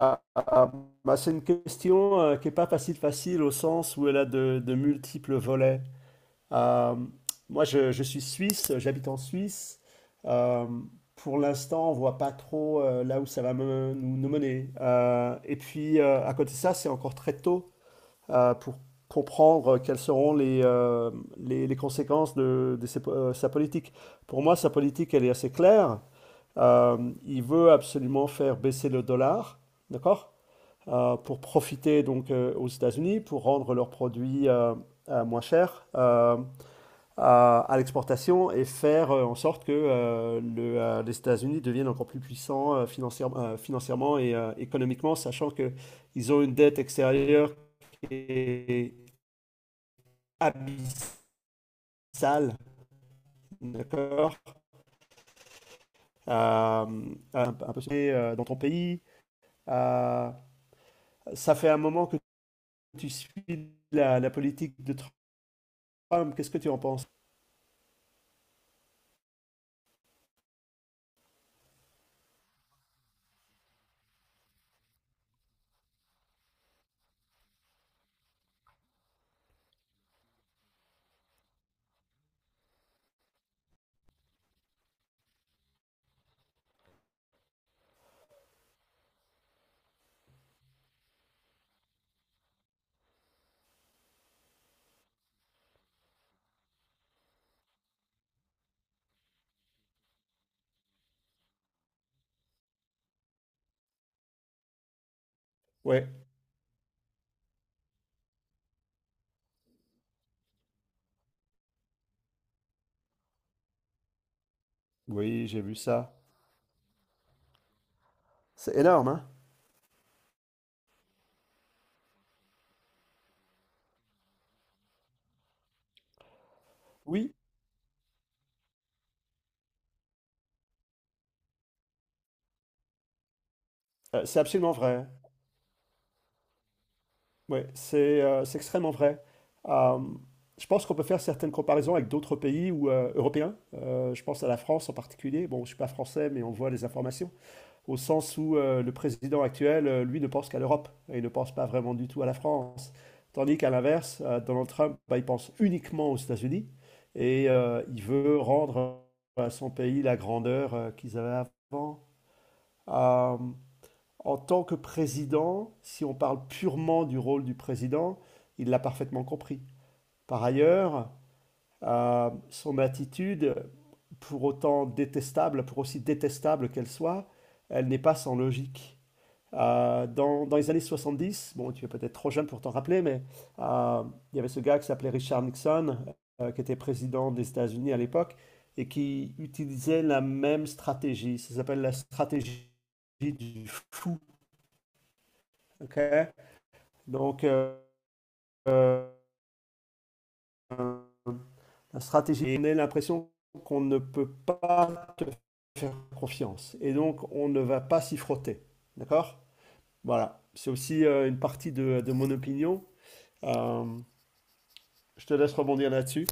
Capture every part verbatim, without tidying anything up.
Ah, ah, bah, c'est une question euh, qui n'est pas facile facile au sens où elle a de, de multiples volets. Euh, Moi, je, je suis suisse, j'habite en Suisse. Euh, pour l'instant, on voit pas trop euh, là où ça va me- nous, nous mener. Euh, et puis, euh, à côté de ça, c'est encore très tôt euh, pour comprendre quelles seront les, euh, les, les conséquences de, de ses po- euh, sa politique. Pour moi, sa politique, elle est assez claire. Euh, il veut absolument faire baisser le dollar, d'accord? Euh, pour profiter donc euh, aux États-Unis, pour rendre leurs produits euh, euh, moins chers euh, à, à l'exportation et faire euh, en sorte que euh, le, euh, les États-Unis deviennent encore plus puissants euh, financière- euh, financièrement et euh, économiquement, sachant que ils ont une dette extérieure qui est abyssale, d'accord? Euh, un, un peu euh, dans ton pays. Euh, Ça fait un moment que tu suis la, la politique de Trump. Qu'est-ce que tu en penses? Ouais. Oui, j'ai vu ça. C'est énorme, hein? Oui, euh, c'est absolument vrai. Oui, c'est euh, c'est extrêmement vrai. Euh, je pense qu'on peut faire certaines comparaisons avec d'autres pays ou, euh, européens. Euh, je pense à la France en particulier. Bon, je ne suis pas français, mais on voit les informations. Au sens où euh, le président actuel, euh, lui, ne pense qu'à l'Europe et il ne pense pas vraiment du tout à la France. Tandis qu'à l'inverse, euh, Donald Trump, bah, il pense uniquement aux États-Unis et euh, il veut rendre à son pays la grandeur euh, qu'ils avaient avant. Euh, En tant que président, si on parle purement du rôle du président, il l'a parfaitement compris. Par ailleurs, euh, son attitude, pour autant détestable, pour aussi détestable qu'elle soit, elle n'est pas sans logique. Euh, dans, dans les années soixante-dix, bon, tu es peut-être trop jeune pour t'en rappeler, mais euh, il y avait ce gars qui s'appelait Richard Nixon, euh, qui était président des États-Unis à l'époque, et qui utilisait la même stratégie. Ça s'appelle la stratégie du fou. Ok. Donc, euh, euh, la stratégie, on a l'impression qu'on ne peut pas te faire confiance. Et donc, on ne va pas s'y frotter. D'accord. Voilà. C'est aussi euh, une partie de, de mon opinion. Euh, je te laisse rebondir là-dessus.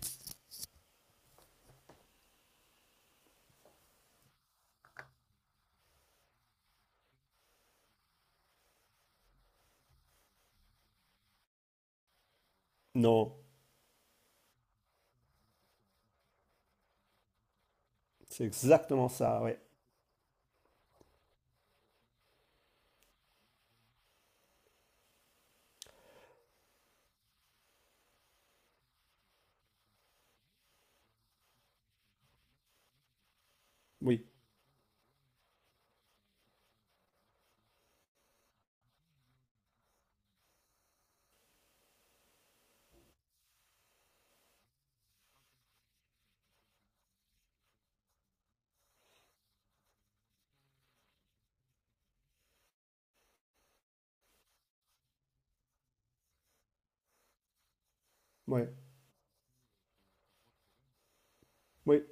Non, c'est exactement ça. Ouais. Oui, oui, oui,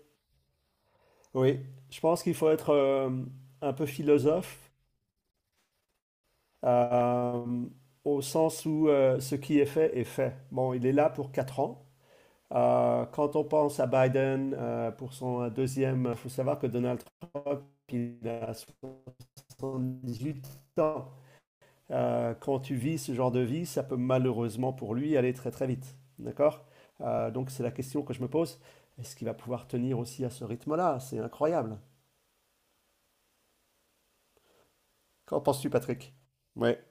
oui. Je pense qu'il faut être euh, un peu philosophe euh, au sens où euh, ce qui est fait est fait. Bon, il est là pour quatre ans. Euh, quand on pense à Biden euh, pour son deuxième, il faut savoir que Donald Trump, il a soixante-dix-huit ans. Euh, quand tu vis ce genre de vie, ça peut malheureusement pour lui aller très très vite. D'accord? Euh, donc c'est la question que je me pose. Est-ce qu'il va pouvoir tenir aussi à ce rythme-là? C'est incroyable. Qu'en penses-tu, Patrick? Ouais,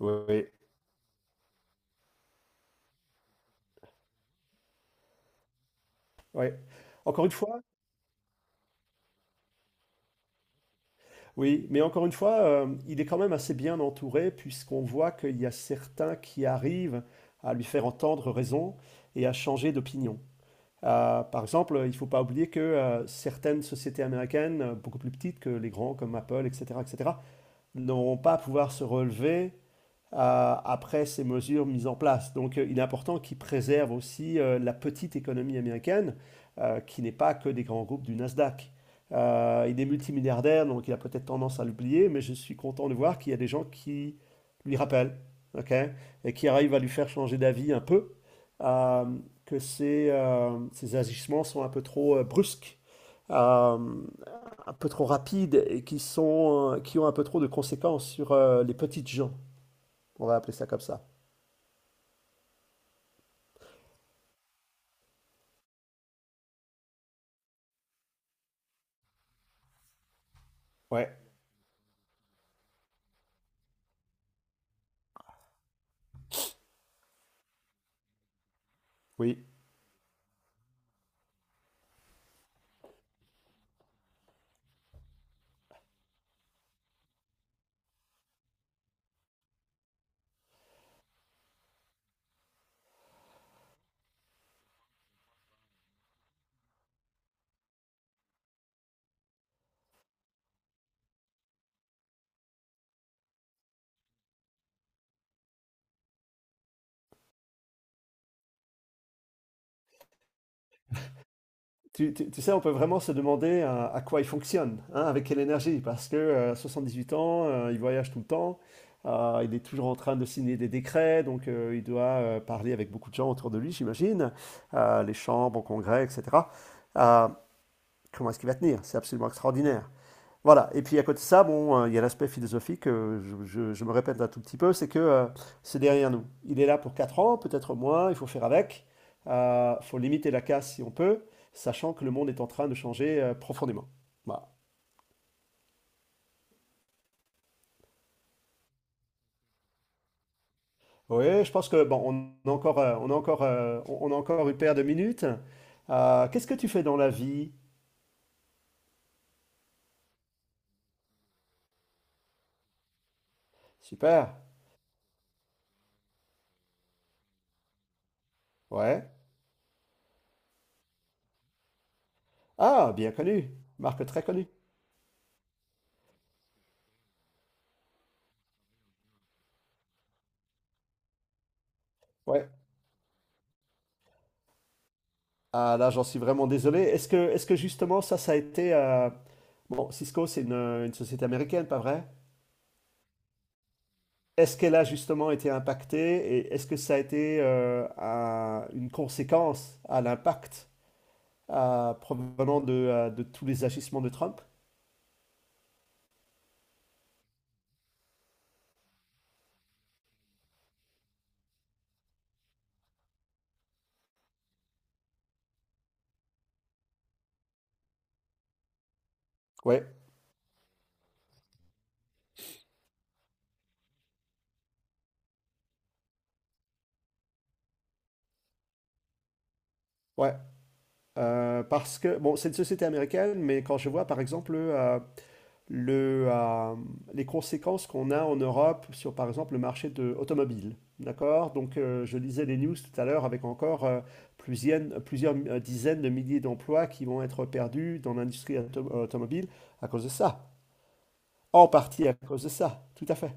ouais, ouais. Ouais. Encore une fois. Oui, mais encore une fois, euh, il est quand même assez bien entouré puisqu'on voit qu'il y a certains qui arrivent à lui faire entendre raison et à changer d'opinion. Euh, par exemple, il ne faut pas oublier que euh, certaines sociétés américaines, euh, beaucoup plus petites que les grands comme Apple, et cetera, et cetera, n'auront pas à pouvoir se relever euh, après ces mesures mises en place. Donc euh, il est important qu'ils préservent aussi euh, la petite économie américaine, euh, qui n'est pas que des grands groupes du Nasdaq. Euh, il est multimilliardaire, donc il a peut-être tendance à l'oublier, mais je suis content de voir qu'il y a des gens qui lui rappellent, okay, et qui arrivent à lui faire changer d'avis un peu, euh, que ses, ces agissements sont un peu trop euh, brusques. Euh, un peu trop rapides et qui, sont, euh, qui ont un peu trop de conséquences sur euh, les petites gens. On va appeler ça comme ça. Ouais, oui. Tu, tu- tu sais, on peut vraiment se demander euh, à, quoi il fonctionne, hein, avec quelle énergie, parce que euh, soixante-dix-huit ans, euh, il voyage tout le temps, euh, il est toujours en train de signer des décrets, donc euh, il doit euh, parler avec beaucoup de gens autour de lui, j'imagine, euh, les chambres, au congrès, et cetera. Euh, Comment est-ce qu'il va tenir? C'est absolument extraordinaire. Voilà, et puis à côté de ça, bon, euh, il y a l'aspect philosophique, euh, je, je- je me répète un tout petit peu, c'est que euh, c'est derrière nous. Il est là pour quatre ans, peut-être moins, il faut faire avec, il faut limiter la casse si on peut, sachant que le monde est en train de changer euh, profondément. Voilà. Oui, je pense que bon, on a encore, euh, on a encore, euh, on on a encore une paire de minutes. Euh, qu'est-ce que tu fais dans la vie? Super. Ouais. Ah, bien connu. Marque très connue. Ouais. Ah là, j'en suis vraiment désolé. Est-ce que, est-ce que justement ça, ça a été... euh, Bon, Cisco, c'est une, une société américaine, pas vrai? Est-ce qu'elle a justement été impactée et est-ce que ça a été euh, un- une conséquence à l'impact euh, provenant de, euh, de tous les agissements de Trump? Ouais, ouais. Euh, parce que, bon, c'est une société américaine, mais quand je vois par exemple... euh, le, euh, les conséquences qu'on a en Europe sur, par exemple, le marché de automobile. D'accord? Donc, euh, je lisais les news tout à l'heure avec encore euh, plusieurs, plusieurs euh, dizaines de milliers d'emplois qui vont être perdus dans l'industrie auto- automobile à cause de ça. En partie à cause de ça, tout à fait.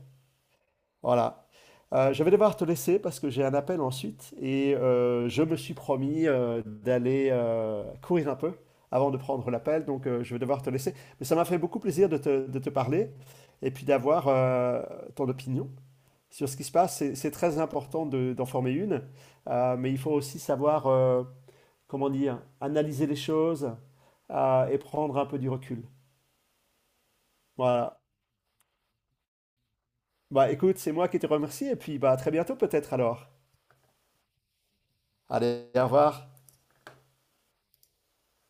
Voilà. Euh, je vais devoir te laisser parce que j'ai un appel ensuite et euh, je me suis promis euh, d'aller euh, courir un peu avant de prendre l'appel, donc euh, je vais devoir te laisser. Mais ça m'a fait beaucoup plaisir de te, de te parler et puis d'avoir euh, ton opinion sur ce qui se passe. C'est c'est très important de- d'en former une, euh, mais il faut aussi savoir, euh, comment dire, analyser les choses euh, et prendre un peu du recul. Voilà. Bah écoute, c'est moi qui te remercie et puis bah à très bientôt peut-être alors. Allez, au revoir.